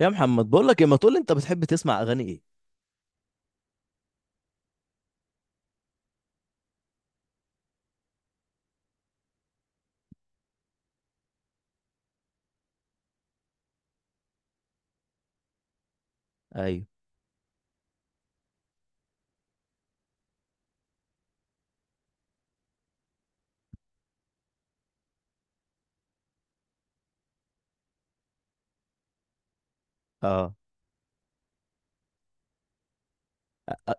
يا محمد، بقول لك إيه، ما تقول لي انت بتحب تسمع اغاني ايه؟ ايوه. اه. أ-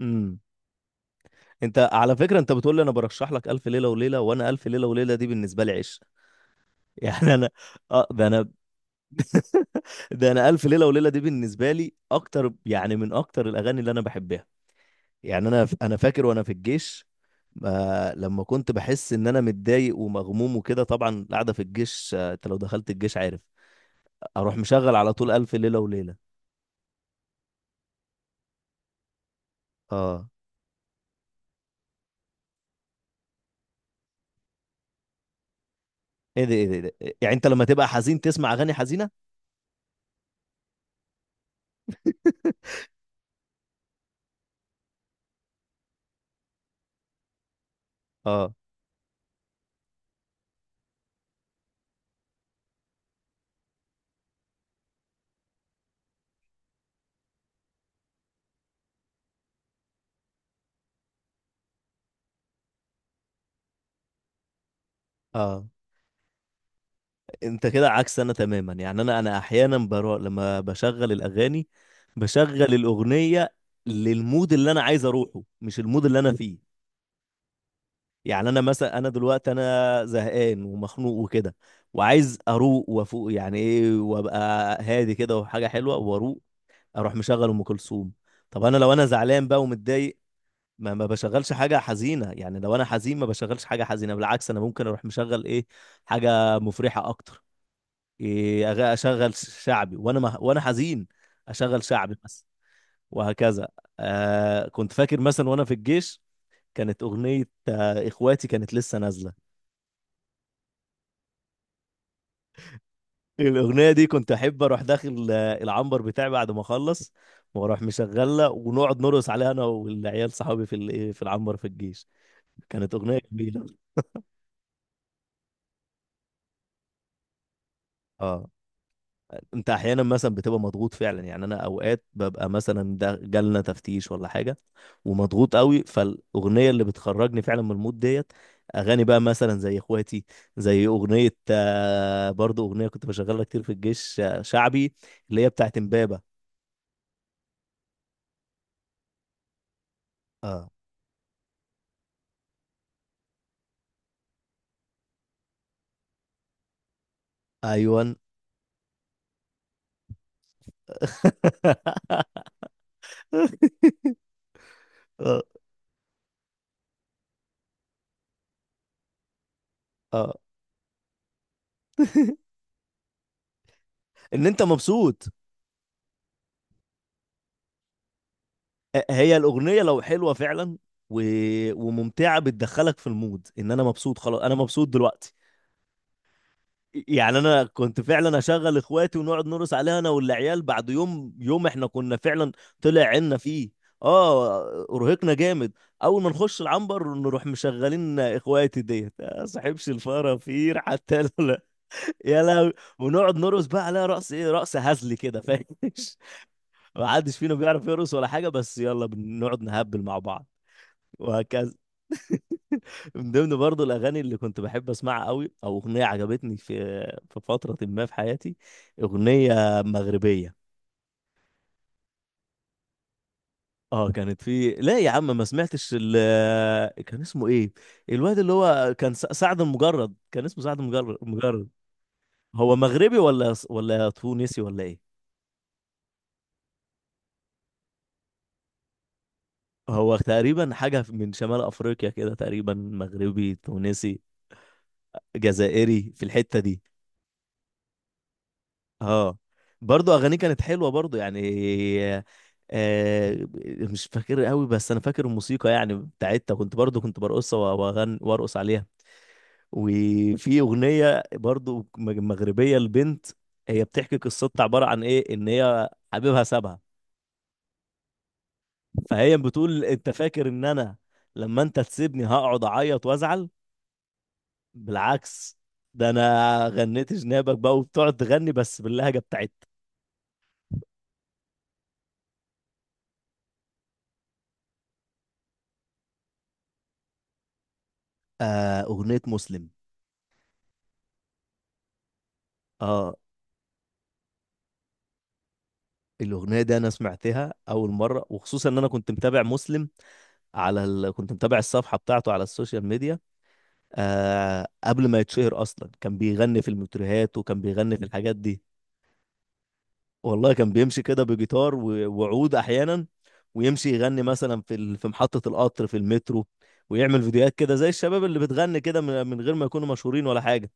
امم انت على فكره، انت بتقول لي انا برشح لك الف ليله وليله، وانا الف ليله وليله دي بالنسبه لي عشق. يعني انا اه، ده انا. ده انا الف ليله وليله دي بالنسبه لي اكتر، يعني من اكتر الاغاني اللي انا بحبها. يعني انا فاكر وانا في الجيش، لما كنت بحس ان انا متضايق ومغموم وكده، طبعا القعده في الجيش، انت لو دخلت الجيش عارف، اروح مشغل على طول الف ليله وليله. اه. ايه ده ايه ده إيه ده؟ يعني انت لما تبقى حزين تسمع اغاني حزينه؟ اه. اه، انت كده عكس انا تماما. يعني انا احيانا برا لما بشغل الاغاني بشغل الاغنيه للمود اللي انا عايز اروحه، مش المود اللي انا فيه. يعني انا مثلا، انا دلوقتي انا زهقان ومخنوق وكده، وعايز اروق وافوق، يعني ايه، وابقى هادي كده وحاجه حلوه واروق، اروح مشغل ام كلثوم. طب انا لو انا زعلان بقى ومتضايق، ما بشغلش حاجة حزينة. يعني لو أنا حزين ما بشغلش حاجة حزينة، بالعكس أنا ممكن أروح مشغل إيه، حاجة مفرحة أكتر. إيه، أشغل شعبي وأنا ما وأنا حزين، أشغل شعبي بس. وهكذا. آه، كنت فاكر مثلا وأنا في الجيش كانت أغنية إخواتي كانت لسه نازلة. الأغنية دي كنت أحب أروح داخل العنبر بتاعي بعد ما أخلص، وأروح مشغلة ونقعد نرقص عليها أنا والعيال صحابي في إيه، في العنبر في الجيش. كانت أغنية جميلة. اه. انت احيانا مثلا بتبقى مضغوط فعلا. يعني انا اوقات ببقى مثلا ده جالنا تفتيش ولا حاجه ومضغوط قوي، فالاغنيه اللي بتخرجني فعلا من المود ديت اغاني بقى مثلا زي اخواتي، زي اغنيه برضو اغنيه كنت بشغلها كتير في الجيش، شعبي، اللي هي بتاعت امبابه. اه. ايوان. اه. اه. ان انت مبسوط. هي الاغنيه لو حلوه فعلا و... وممتعه، بتدخلك في المود ان انا مبسوط، خلاص انا مبسوط دلوقتي. يعني انا كنت فعلا اشغل اخواتي ونقعد نرقص عليها انا والعيال بعد يوم احنا كنا فعلا طلع عنا فيه. اه. ارهقنا جامد. اول ما نخش العنبر نروح مشغلين اخواتي ديت يا صاحبش الفرافير حتى. لا. يا لهوي. ونقعد نرقص بقى عليها رقص ايه، رقص هزلي كده، فاهم. ما حدش فينا بيعرف يرقص ولا حاجه، بس يلا، بنقعد نهبل مع بعض. وهكذا. من ضمن برضه الاغاني اللي كنت بحب اسمعها قوي او اغنيه عجبتني في في فتره ما في حياتي، اغنيه مغربيه. اه، كانت في، لا يا عم ما سمعتش كان اسمه ايه، الواد اللي هو كان سعد المجرد، كان اسمه سعد المجرد مجرد. هو مغربي ولا تونسي ولا ايه؟ هو تقريبا حاجه من شمال افريقيا كده، تقريبا مغربي، تونسي، جزائري في الحته دي. اه. برضو اغانيه كانت حلوه برضو يعني. آه مش فاكر قوي، بس انا فاكر الموسيقى يعني بتاعتها، كنت برضو كنت برقصها واغن وارقص عليها. وفي اغنيه برضو مغربيه لبنت، هي بتحكي قصتها، عباره عن ايه، ان هي حبيبها سابها، فهي بتقول انت فاكر ان انا لما انت تسيبني هقعد اعيط وازعل، بالعكس، ده انا غنيت جنابك بقى، وبتقعد تغني بس باللهجه بتاعتها. آه، اغنيه مسلم. اه. الأغنية دي أنا سمعتها أول مرة، وخصوصا إن أنا كنت متابع مسلم على كنت متابع الصفحة بتاعته على السوشيال ميديا، قبل ما يتشهر أصلا كان بيغني في المترهات وكان بيغني في الحاجات دي. والله كان بيمشي كده بجيتار و... وعود أحيانا، ويمشي يغني مثلا في في محطة القطر في المترو، ويعمل فيديوهات كده زي الشباب اللي بتغني كده من... من غير ما يكونوا مشهورين ولا حاجة.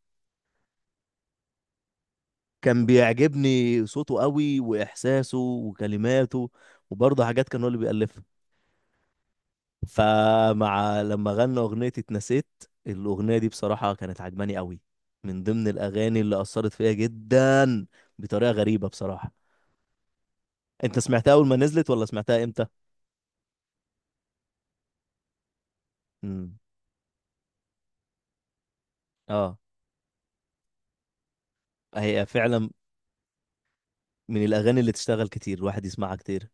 كان بيعجبني صوته قوي، وإحساسه، وكلماته، وبرضه حاجات كان هو اللي بيألفها. فمع لما غنى أغنية اتنسيت، الأغنية دي بصراحة كانت عجباني قوي، من ضمن الأغاني اللي أثرت فيا جدا بطريقة غريبة بصراحة. أنت سمعتها أول ما نزلت، ولا سمعتها إمتى؟ امم. آه. هي فعلا من الأغاني اللي تشتغل كتير، الواحد يسمعها كتير.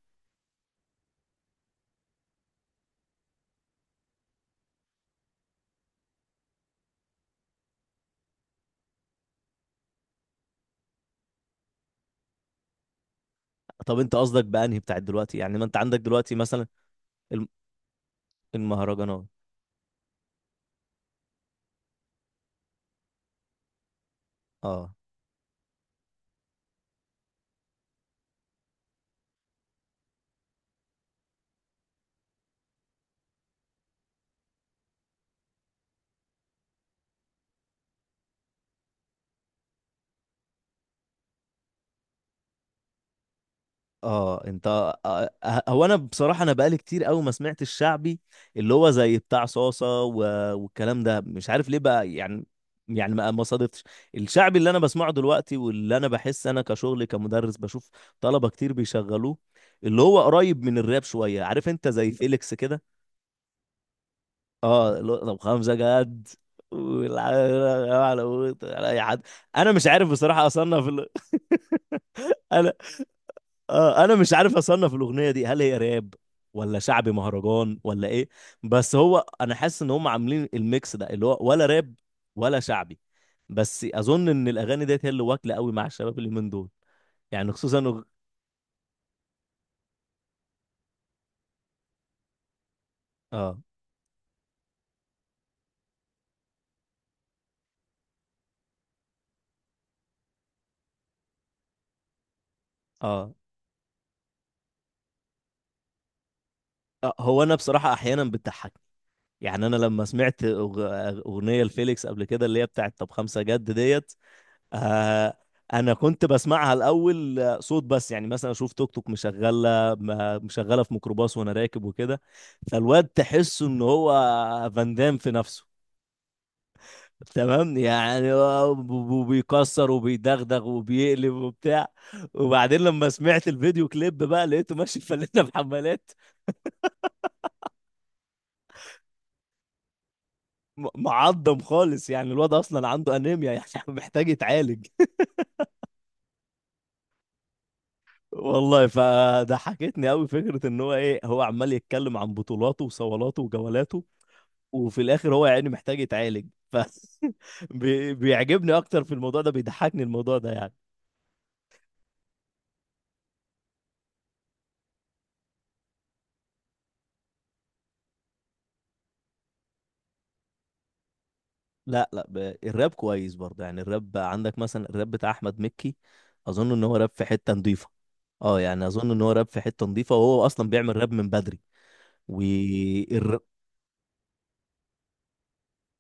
طب أنت قصدك بأنهي بتاعت دلوقتي؟ يعني ما أنت عندك دلوقتي مثلا الم- المهرجانات. آه. اه. انت، هو انا بصراحه انا بقالي كتير قوي ما سمعت الشعبي، اللي هو زي بتاع صاصه و... والكلام ده، مش عارف ليه بقى يعني. يعني ما صادفتش. الشعبي اللي انا بسمعه دلوقتي واللي انا بحس انا كشغل كمدرس بشوف طلبه كتير بيشغلوه، اللي هو قريب من الراب شويه، عارف انت، زي فيليكس كده. اه، اللي هو طب خمسه جد. والع- على اي حد، انا مش عارف بصراحه اصنف انا انا مش عارف اصنف الاغنيه دي هل هي راب ولا شعبي مهرجان ولا ايه. بس هو انا حاسس ان هم عاملين الميكس ده اللي هو ولا راب ولا شعبي. بس اظن ان الاغاني ديت هي اللي واكله قوي مع الشباب اللي من دول، يعني خصوصا اه. اه. هو انا بصراحه احيانا بتضحكني. يعني انا لما سمعت اغنيه لفيليكس قبل كده اللي هي بتاعت طب خمسه جد ديت، آه انا كنت بسمعها الاول، صوت بس، يعني مثلا اشوف توك توك مشغله في ميكروباص وانا راكب وكده، فالواد تحسه ان هو فان دام في نفسه، تمام، يعني هو بيكسر وبيدغدغ وبيقلب وبتاع، وبعدين لما سمعت الفيديو كليب بقى، لقيته ماشي فلنا بحمالات. معضم خالص يعني، الواد اصلا عنده انيميا يعني، محتاج يتعالج. والله فضحكتني قوي فكره ان هو ايه، هو عمال يتكلم عن بطولاته وصولاته وجولاته، وفي الاخر هو يعني محتاج يتعالج. ف بيعجبني اكتر في الموضوع ده، بيضحكني الموضوع ده يعني. لا لا ب... الراب كويس برضه. يعني الراب عندك مثلا الراب بتاع احمد مكي، اظن ان هو راب في حته نظيفه. اه، يعني اظن ان هو راب في حته نظيفه، وهو اصلا بيعمل راب من بدري. والر...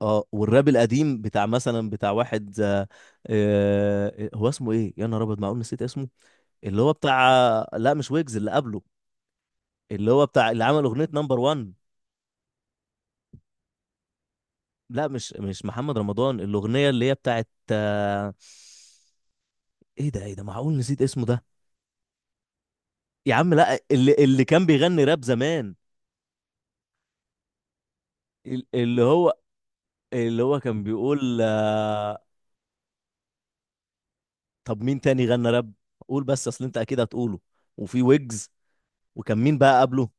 اه، والراب القديم بتاع مثلا بتاع واحد هو اسمه ايه، يا نهار ابيض معقول نسيت اسمه، اللي هو بتاع، لا مش ويجز، اللي قبله، اللي هو بتاع اللي عمل اغنيه نمبر 1. لا مش مش محمد رمضان، الاغنيه اللي هي بتاعت ايه ده ايه ده معقول نسيت اسمه ده. يا عم لا، اللي اللي كان بيغني راب زمان، اللي هو، اللي هو كان بيقول طب مين تاني غنى راب؟ قول بس اصل انت اكيد هتقوله. وفي ويجز، وكان مين بقى قبله؟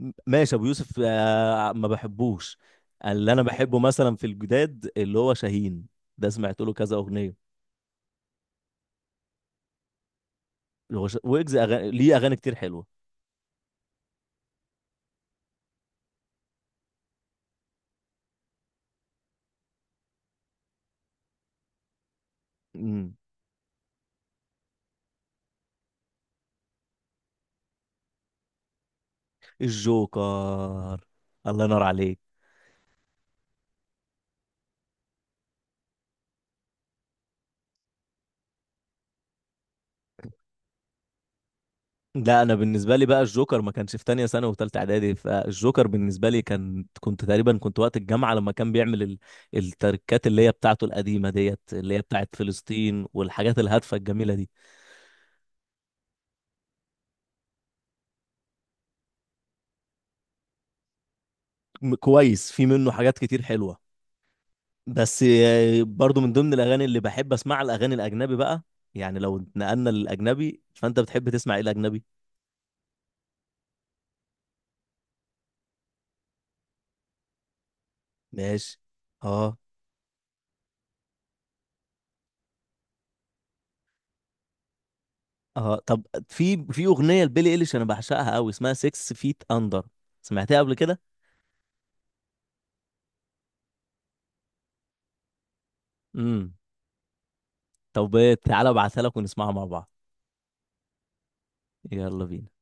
ماشي ابو يوسف، ما بحبوش. اللي انا بحبه مثلا في الجداد اللي هو شاهين، ده سمعت له كذا اغنيه. ويجز أغاني، ليه اغاني كتير حلوه. امم. الجوكر. الله ينور عليك. لا انا بالنسبه لي بقى الجوكر ما كانش في تانية ثانوي وثالثه اعدادي، فالجوكر بالنسبه لي كان، كنت تقريبا كنت وقت الجامعه لما كان بيعمل التركات اللي هي بتاعته القديمه ديت، اللي هي بتاعت فلسطين والحاجات الهادفه الجميله دي. كويس، في منه حاجات كتير حلوه. بس برضو من ضمن الاغاني اللي بحب اسمعها الاغاني الاجنبي بقى. يعني لو نقلنا للاجنبي، فانت بتحب تسمع ايه الاجنبي؟ ماشي. اه. اه، طب في في اغنيه لبيلي ايليش انا بعشقها قوي اسمها 6 فيت اندر، سمعتها قبل كده؟ امم. طب تعالى ابعتها لك ونسمعها مع بعض. يلا بينا.